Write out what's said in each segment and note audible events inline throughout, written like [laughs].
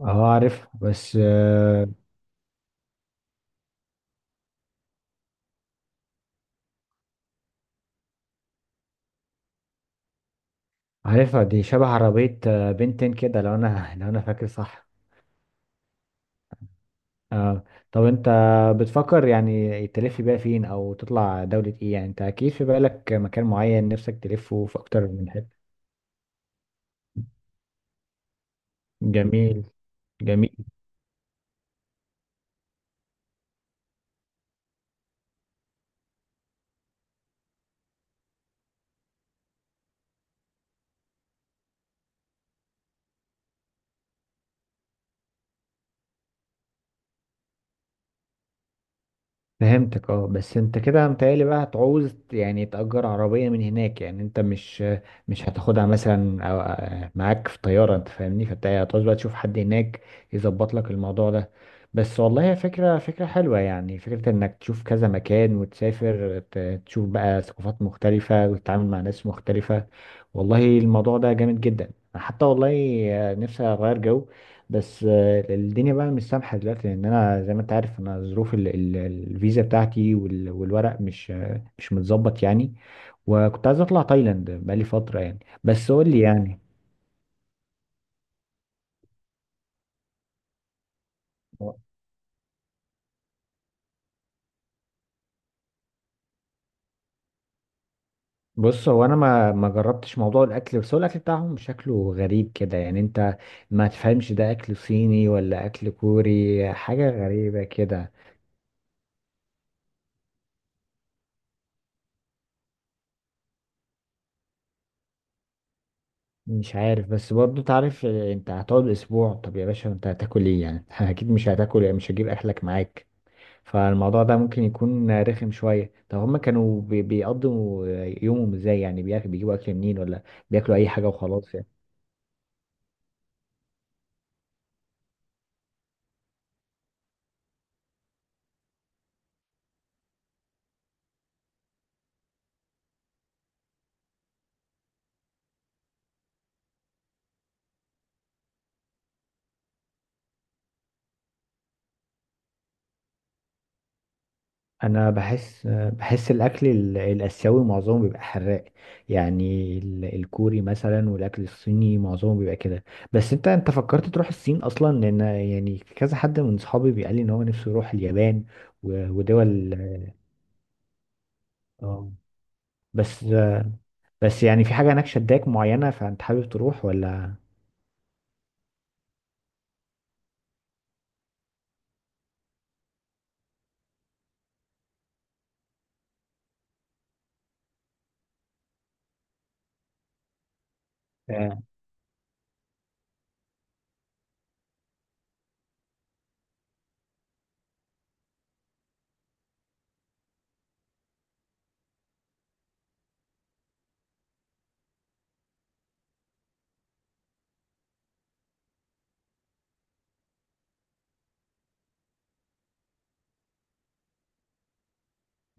اه، عارف. بس آه عارفها دي شبه عربية، آه، بنتين كده لو انا [laughs] لو انا فاكر صح. اه، طب انت بتفكر يعني تلف بيها فين او تطلع دولة ايه؟ يعني انت اكيد في بالك مكان معين نفسك تلفه في اكتر من حتة. جميل. جميل. فهمتك. اه، بس انت كده متهيألي بقى هتعوز يعني تأجر عربية من هناك، يعني انت مش هتاخدها مثلا، معاك في طيارة، انت فاهمني؟ فانت هتعوز بقى تشوف حد هناك يظبط لك الموضوع ده. بس والله هي فكرة فكرة حلوة، يعني فكرة انك تشوف كذا مكان وتسافر تشوف بقى ثقافات مختلفة وتتعامل مع ناس مختلفة. والله الموضوع ده جامد جدا حتى، والله نفسي اغير جو. بس الدنيا بقى مش سامحة دلوقتي، لأن أنا زي ما أنت عارف أنا ظروف الفيزا بتاعتي والورق مش متظبط يعني. وكنت عايز أطلع تايلاند بقالي فترة يعني، بس قول لي يعني. بص، هو انا ما جربتش موضوع الاكل، بس هو الاكل بتاعهم شكله غريب كده، يعني انت ما تفهمش ده اكل صيني ولا اكل كوري، حاجه غريبه كده. مش عارف، بس برضو تعرف، انت هتقعد اسبوع، طب يا باشا انت هتاكل ايه يعني؟ [laughs] اكيد مش هتاكل، مش هجيب اكلك معاك. فالموضوع ده ممكن يكون رخم شوية. طب هما كانوا بيقضوا يومهم ازاي يعني؟ بيجيبوا أكل منين، ولا بياكلوا أي حاجة وخلاص يعني؟ أنا بحس بحس الأكل الآسيوي معظمه بيبقى حراق، يعني الكوري مثلا والأكل الصيني معظمه بيبقى كده. بس أنت فكرت تروح الصين أصلا؟ لأن يعني كذا حد من صحابي بيقال لي إن هو نفسه يروح اليابان ودول. اه، بس، بس يعني في حاجة هناك شداك معينة فأنت حابب تروح ولا؟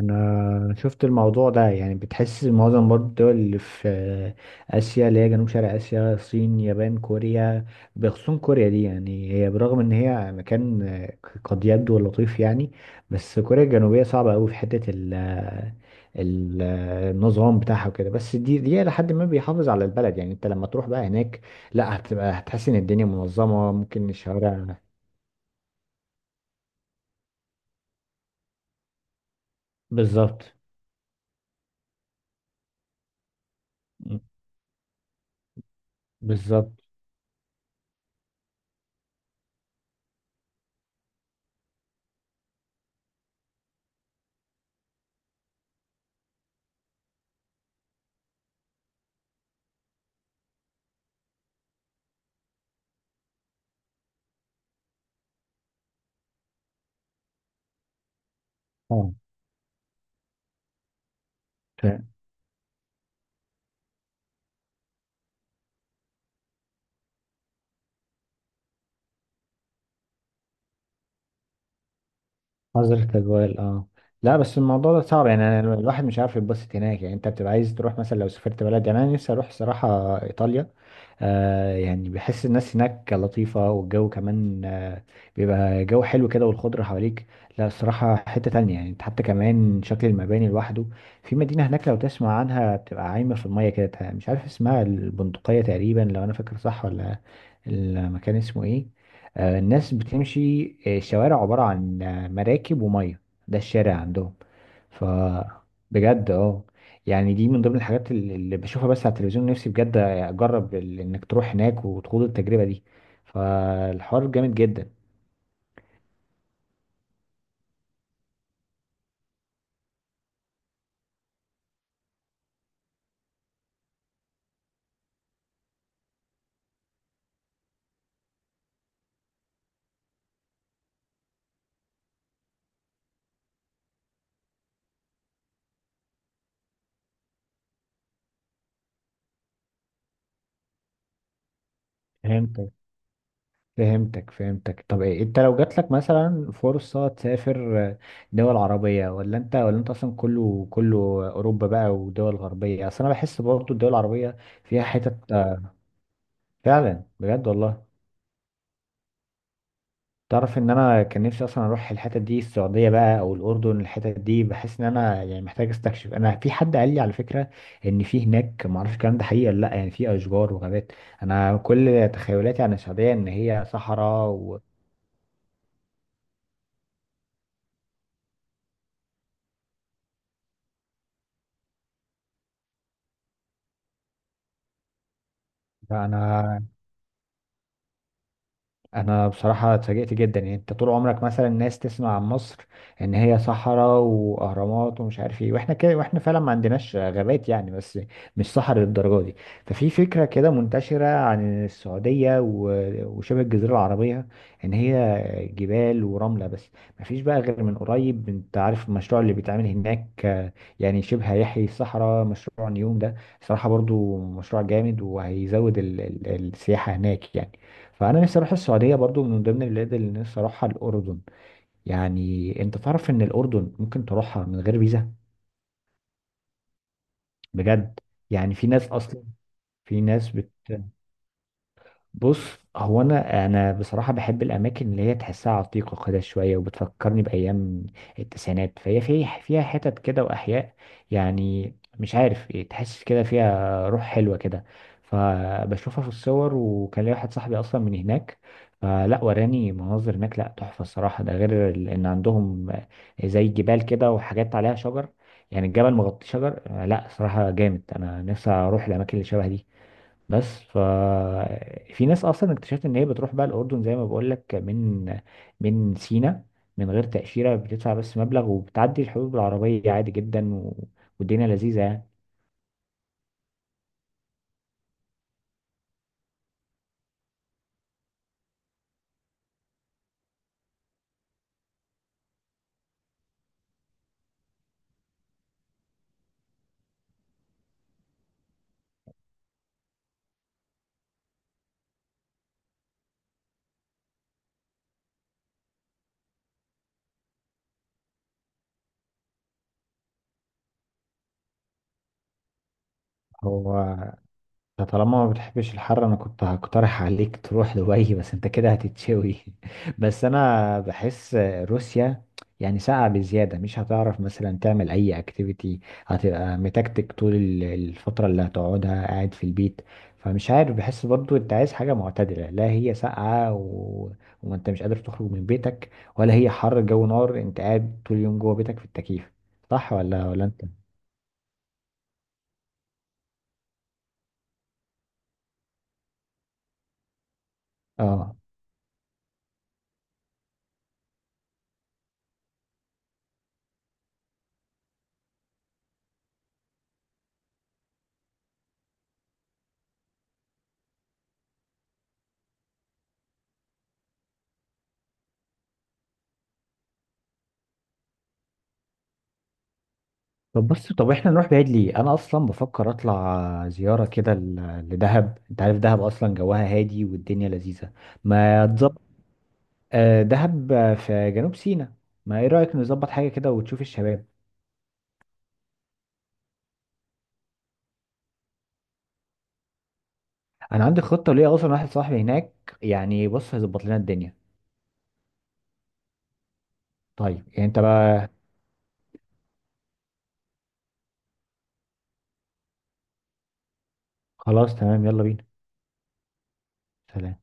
انا شفت الموضوع ده، يعني بتحس معظم برضو الدول اللي في اسيا اللي هي جنوب شرق اسيا، الصين، يابان، كوريا. بخصوص كوريا دي، يعني هي برغم ان هي مكان قد يبدو لطيف يعني، بس كوريا الجنوبية صعبة قوي في حتة النظام بتاعها وكده، بس دي لحد ما بيحافظ على البلد. يعني انت لما تروح بقى هناك، لا هتبقى، هتحس ان الدنيا منظمة، ممكن الشوارع. بالظبط. بالظبط. اه، نظرة الأجواء. اه، لا بس الموضوع ده صعب يعني، أنا الواحد مش عارف يتبسط هناك. يعني انت بتبقى عايز تروح مثلا، لو سافرت بلد يعني، انا نفسي اروح صراحة ايطاليا، آه يعني بحس الناس هناك لطيفة، والجو كمان، بيبقى جو حلو كده والخضرة حواليك. لا الصراحة حتة تانية يعني، انت حتى كمان شكل المباني لوحده. في مدينة هناك لو تسمع عنها بتبقى عايمة في المية كده، مش عارف اسمها، البندقية تقريبا لو انا فاكر صح، ولا المكان اسمه ايه؟ الناس بتمشي، الشوارع عبارة عن مراكب ومية، ده الشارع عندهم. ف بجد. اه، يعني دي من ضمن الحاجات اللي بشوفها بس على التلفزيون، نفسي بجد اجرب انك تروح هناك وتخوض التجربة دي، فالحوار جامد جدا. فهمتك. فهمتك. فهمتك. طب إيه؟ انت لو جات لك مثلا فرصة تسافر، دول عربية ولا انت اصلا، كله كله، اوروبا بقى ودول غربية؟ اصل انا بحس برضه الدول العربية فيها حتت، فعلا. بجد والله. تعرف ان انا كان نفسي اصلا اروح الحتت دي، السعوديه بقى او الاردن، الحتت دي بحس ان انا يعني محتاج استكشف. انا في حد قال لي على فكره ان في هناك، ما اعرفش الكلام ده حقيقي ولا لا، يعني في اشجار وغابات. انا كل تخيلاتي عن السعوديه ان هي صحراء و... فانا، انا بصراحه اتفاجئت جدا. يعني انت طول عمرك مثلا الناس تسمع عن مصر ان هي صحراء واهرامات ومش عارف ايه، واحنا كده، واحنا فعلا ما عندناش غابات يعني، بس مش صحراء للدرجه دي. ففي فكره كده منتشره عن السعوديه وشبه الجزيره العربيه ان هي جبال ورمله بس. ما فيش بقى غير من قريب، انت عارف المشروع اللي بيتعمل هناك، يعني شبه هيحيي الصحراء، مشروع نيوم ده. صراحه برضو مشروع جامد، وهيزود السياحه هناك يعني. فانا نفسي اروح السعوديه، برضو من ضمن البلاد اللي نفسي اروحها الاردن، يعني انت تعرف ان الاردن ممكن تروحها من غير فيزا؟ بجد، يعني في ناس اصلا، في ناس بت بص، هو انا بصراحه بحب الاماكن اللي هي تحسها عتيقه كده شويه وبتفكرني بايام التسعينات. فهي فيها حتت كده واحياء، يعني مش عارف تحس كده فيها روح حلوه كده. فبشوفها في الصور، وكان لي واحد صاحبي اصلا من هناك فلا وراني مناظر هناك، لا تحفه الصراحه، ده غير ان عندهم زي جبال كده وحاجات عليها شجر، يعني الجبل مغطي شجر. لا صراحه جامد، انا نفسي اروح الاماكن اللي شبه دي. بس في ناس اصلا اكتشفت ان هي بتروح بقى الاردن، زي ما بقول لك، من سينا من غير تاشيره، بتدفع بس مبلغ وبتعدي الحدود بالعربيه عادي جدا، و... والدنيا لذيذه يعني. هو، انت طالما ما بتحبش الحر انا كنت هقترح عليك تروح دبي بس انت كده هتتشوي. [laughs] بس انا بحس روسيا يعني ساقعة بزيادة، مش هتعرف مثلا تعمل اي اكتيفيتي، هتبقى متكتك طول الفترة اللي هتقعدها، قاعد في البيت. فمش عارف، بحس برضو انت عايز حاجة معتدلة، لا هي ساقعة و... وما انت مش قادر تخرج من بيتك، ولا هي حر جو نار انت قاعد طول اليوم جوه بيتك في التكييف، صح؟ ولا انت؟ اه، طب بص، طب احنا نروح بعيد ليه؟ انا اصلا بفكر اطلع زياره كده لدهب، انت عارف دهب اصلا جواها هادي والدنيا لذيذه، ما تظبط؟ دهب في جنوب سيناء. ما ايه رايك نظبط حاجه كده وتشوف الشباب؟ انا عندي خطه ليا، اصلا واحد صاحبي هناك يعني، بص هيظبط لنا الدنيا. طيب، يعني انت بقى. خلاص، تمام، يلا بينا. سلام.